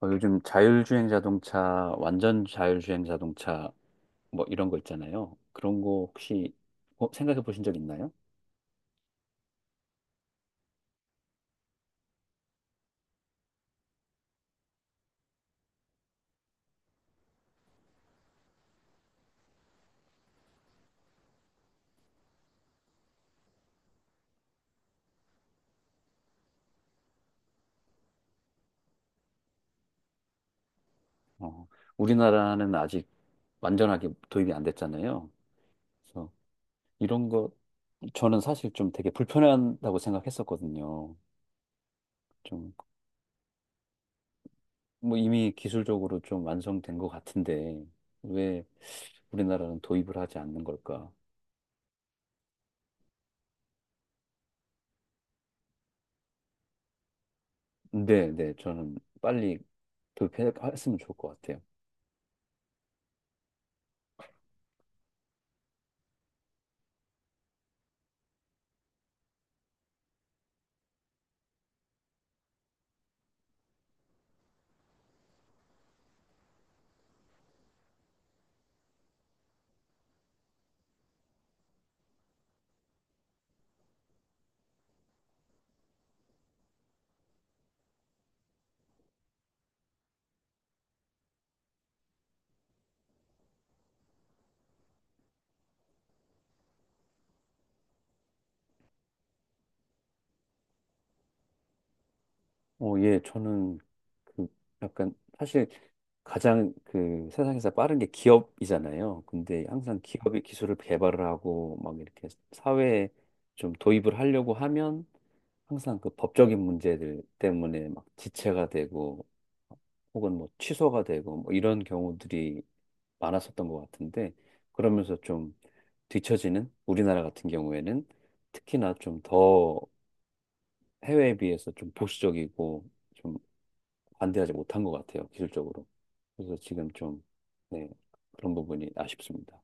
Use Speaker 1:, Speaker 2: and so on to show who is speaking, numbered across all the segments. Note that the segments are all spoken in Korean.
Speaker 1: 요즘 자율주행 자동차, 완전 자율주행 자동차, 뭐 이런 거 있잖아요. 그런 거 혹시 생각해 보신 적 있나요? 어, 우리나라는 아직 완전하게 도입이 안 됐잖아요. 그래서 이런 거 저는 사실 좀 되게 불편하다고 생각했었거든요. 좀 뭐 이미 기술적으로 좀 완성된 것 같은데 왜 우리나라는 도입을 하지 않는 걸까? 네, 네, 저는 빨리 도입했으면 좋을 것 같아요. 저는 그 약간 사실 가장 그 세상에서 빠른 게 기업이잖아요. 근데 항상 기업이 기술을 개발을 하고 막 이렇게 사회에 좀 도입을 하려고 하면 항상 그 법적인 문제들 때문에 막 지체가 되고 혹은 뭐 취소가 되고 뭐 이런 경우들이 많았었던 것 같은데 그러면서 좀 뒤처지는 우리나라 같은 경우에는 특히나 좀 더 해외에 비해서 좀 보수적이고 반대하지 못한 것 같아요, 기술적으로. 그래서 지금 좀, 네, 그런 부분이 아쉽습니다.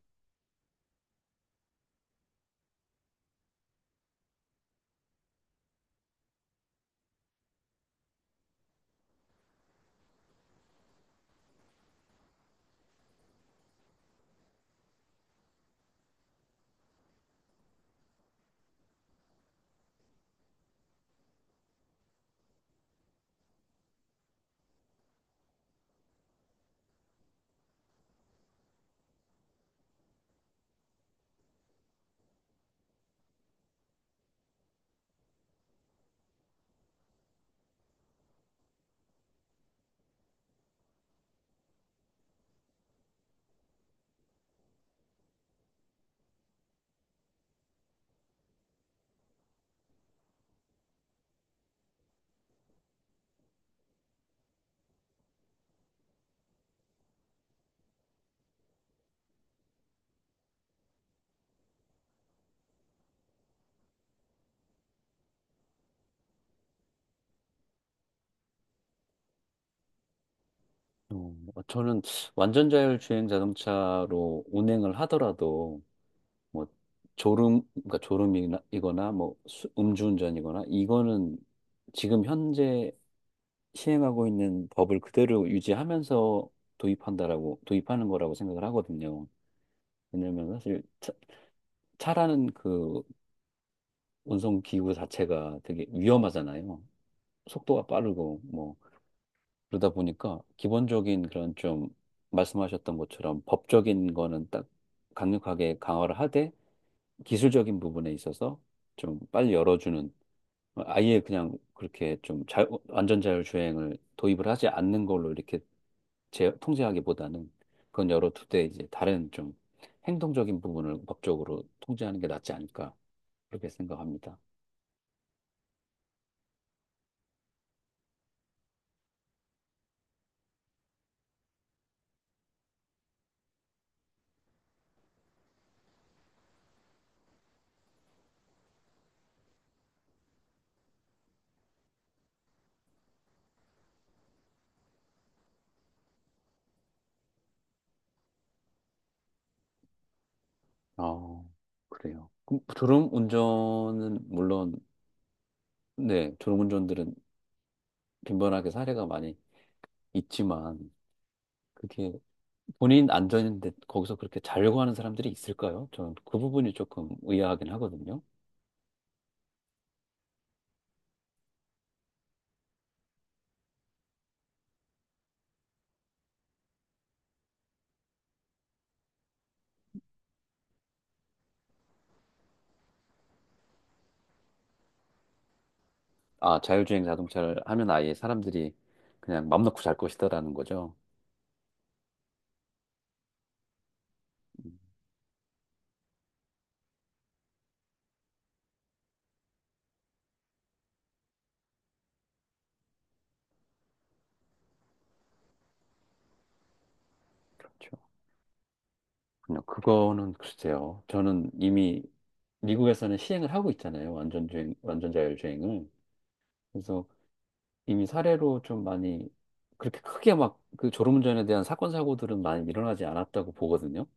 Speaker 1: 어, 뭐 저는 완전 자율주행 자동차로 운행을 하더라도, 뭐, 졸음, 그러니까 졸음이거나, 뭐, 음주운전이거나, 이거는 지금 현재 시행하고 있는 법을 그대로 유지하면서 도입한다라고, 도입하는 거라고 생각을 하거든요. 왜냐면 사실 차, 차라는 그 운송기구 자체가 되게 위험하잖아요. 속도가 빠르고 뭐 그러다 보니까 기본적인 그런 좀 말씀하셨던 것처럼 법적인 거는 딱 강력하게 강화를 하되 기술적인 부분에 있어서 좀 빨리 열어주는 아예 그냥 그렇게 좀 자, 완전 자율주행을 도입을 하지 않는 걸로 이렇게 제, 통제하기보다는 그건 열어두되 이제 다른 좀 행동적인 부분을 법적으로 통제하는 게 낫지 않을까 그렇게 생각합니다. 아, 그래요. 그럼 졸음운전은 물론, 네, 졸음운전들은 빈번하게 사례가 많이 있지만, 그게 본인 안전인데 거기서 그렇게 자려고 하는 사람들이 있을까요? 저는 그 부분이 조금 의아하긴 하거든요. 아, 자율주행 자동차를 하면 아예 사람들이 그냥 맘 놓고 잘 것이다라는 거죠. 음, 그렇죠. 그냥 그거는 글쎄요. 저는 이미 미국에서는 시행을 하고 있잖아요. 완전 주행, 완전 자율주행을. 그래서 이미 사례로 좀 많이 그렇게 크게 막 그 졸음운전에 대한 사건 사고들은 많이 일어나지 않았다고 보거든요.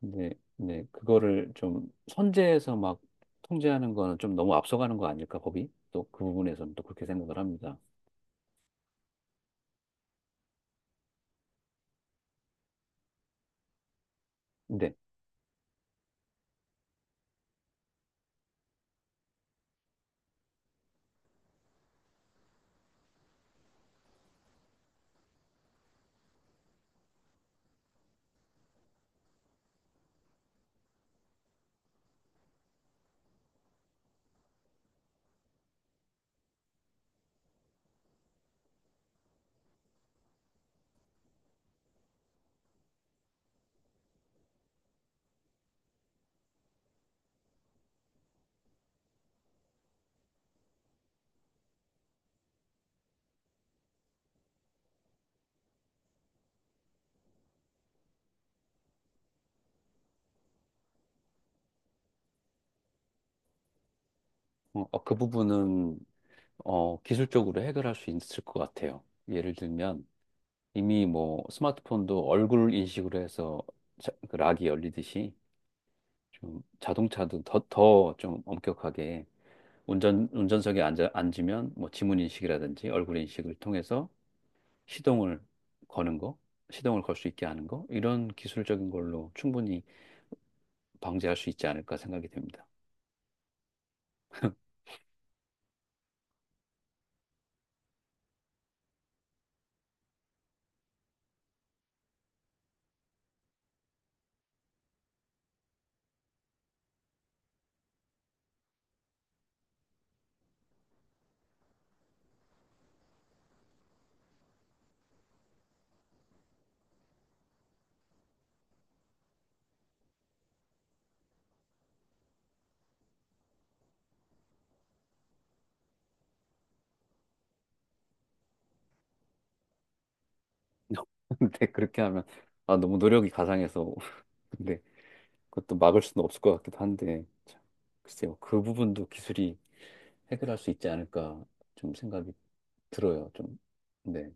Speaker 1: 근데 네, 그거를 좀 선제해서 막 통제하는 거는 좀 너무 앞서가는 거 아닐까 법이? 또 그 부분에서는 또 그렇게 생각을 합니다. 근데 그 부분은 기술적으로 해결할 수 있을 것 같아요. 예를 들면 이미 뭐 스마트폰도 얼굴 인식으로 해서 그 락이 열리듯이 좀 자동차도 더 좀 엄격하게 운전, 운전석에 앉으면 뭐 지문 인식이라든지 얼굴 인식을 통해서 시동을 거는 거, 시동을 걸 수 있게 하는 거, 이런 기술적인 걸로 충분히 방지할 수 있지 않을까 생각이 됩니다. 근데 그렇게 하면, 아, 너무 노력이 가상해서, 근데 그것도 막을 수는 없을 것 같기도 한데, 참, 글쎄요. 그 부분도 기술이 해결할 수 있지 않을까 좀 생각이 들어요. 좀, 네,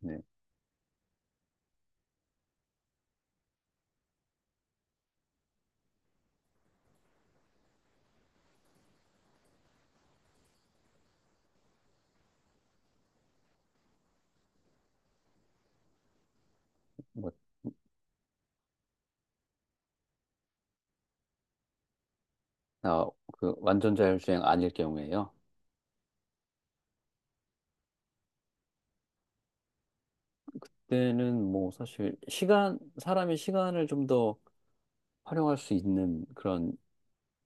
Speaker 1: 네. 뭐, 아, 그 완전 자율주행 아닐 경우에요. 때는 뭐 사실 시간, 사람이 시간을 좀 더 활용할 수 있는 그런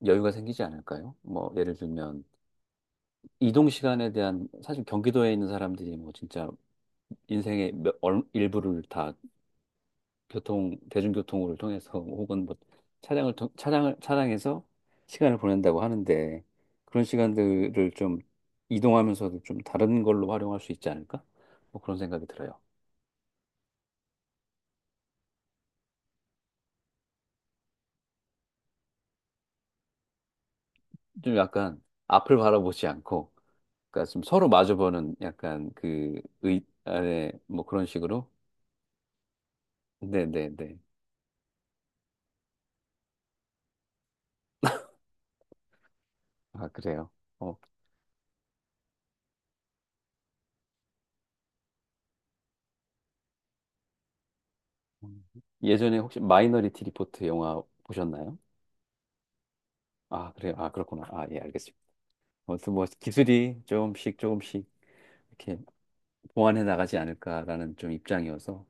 Speaker 1: 여유가 생기지 않을까요? 뭐 예를 들면 이동 시간에 대한 사실 경기도에 있는 사람들이 뭐 진짜 인생의 몇, 일부를 다 교통, 대중교통을 통해서 혹은 뭐 차량을 통, 차량을, 차량에서 시간을 보낸다고 하는데 그런 시간들을 좀 이동하면서도 좀 다른 걸로 활용할 수 있지 않을까? 뭐 그런 생각이 들어요. 좀 약간 앞을 바라보지 않고 그러니까 좀 서로 마주보는 약간 그 의, 아, 네, 뭐 그런 식으로? 네네네. 아, 그래요. 어. 음. 예전에 혹시 마이너리티 리포트 영화 보셨나요? 아, 그래요. 아, 그렇구나. 아, 예, 알겠습니다. 아무튼 뭐 기술이 조금씩 조금씩 이렇게 보완해 나가지 않을까라는 좀 입장이어서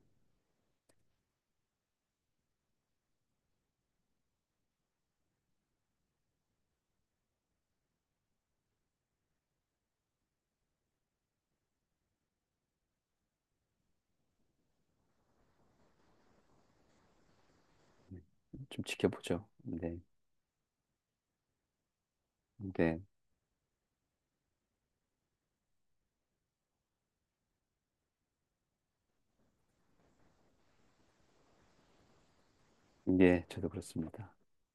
Speaker 1: 좀 지켜보죠. 네. 네. 네, 저도 그렇습니다.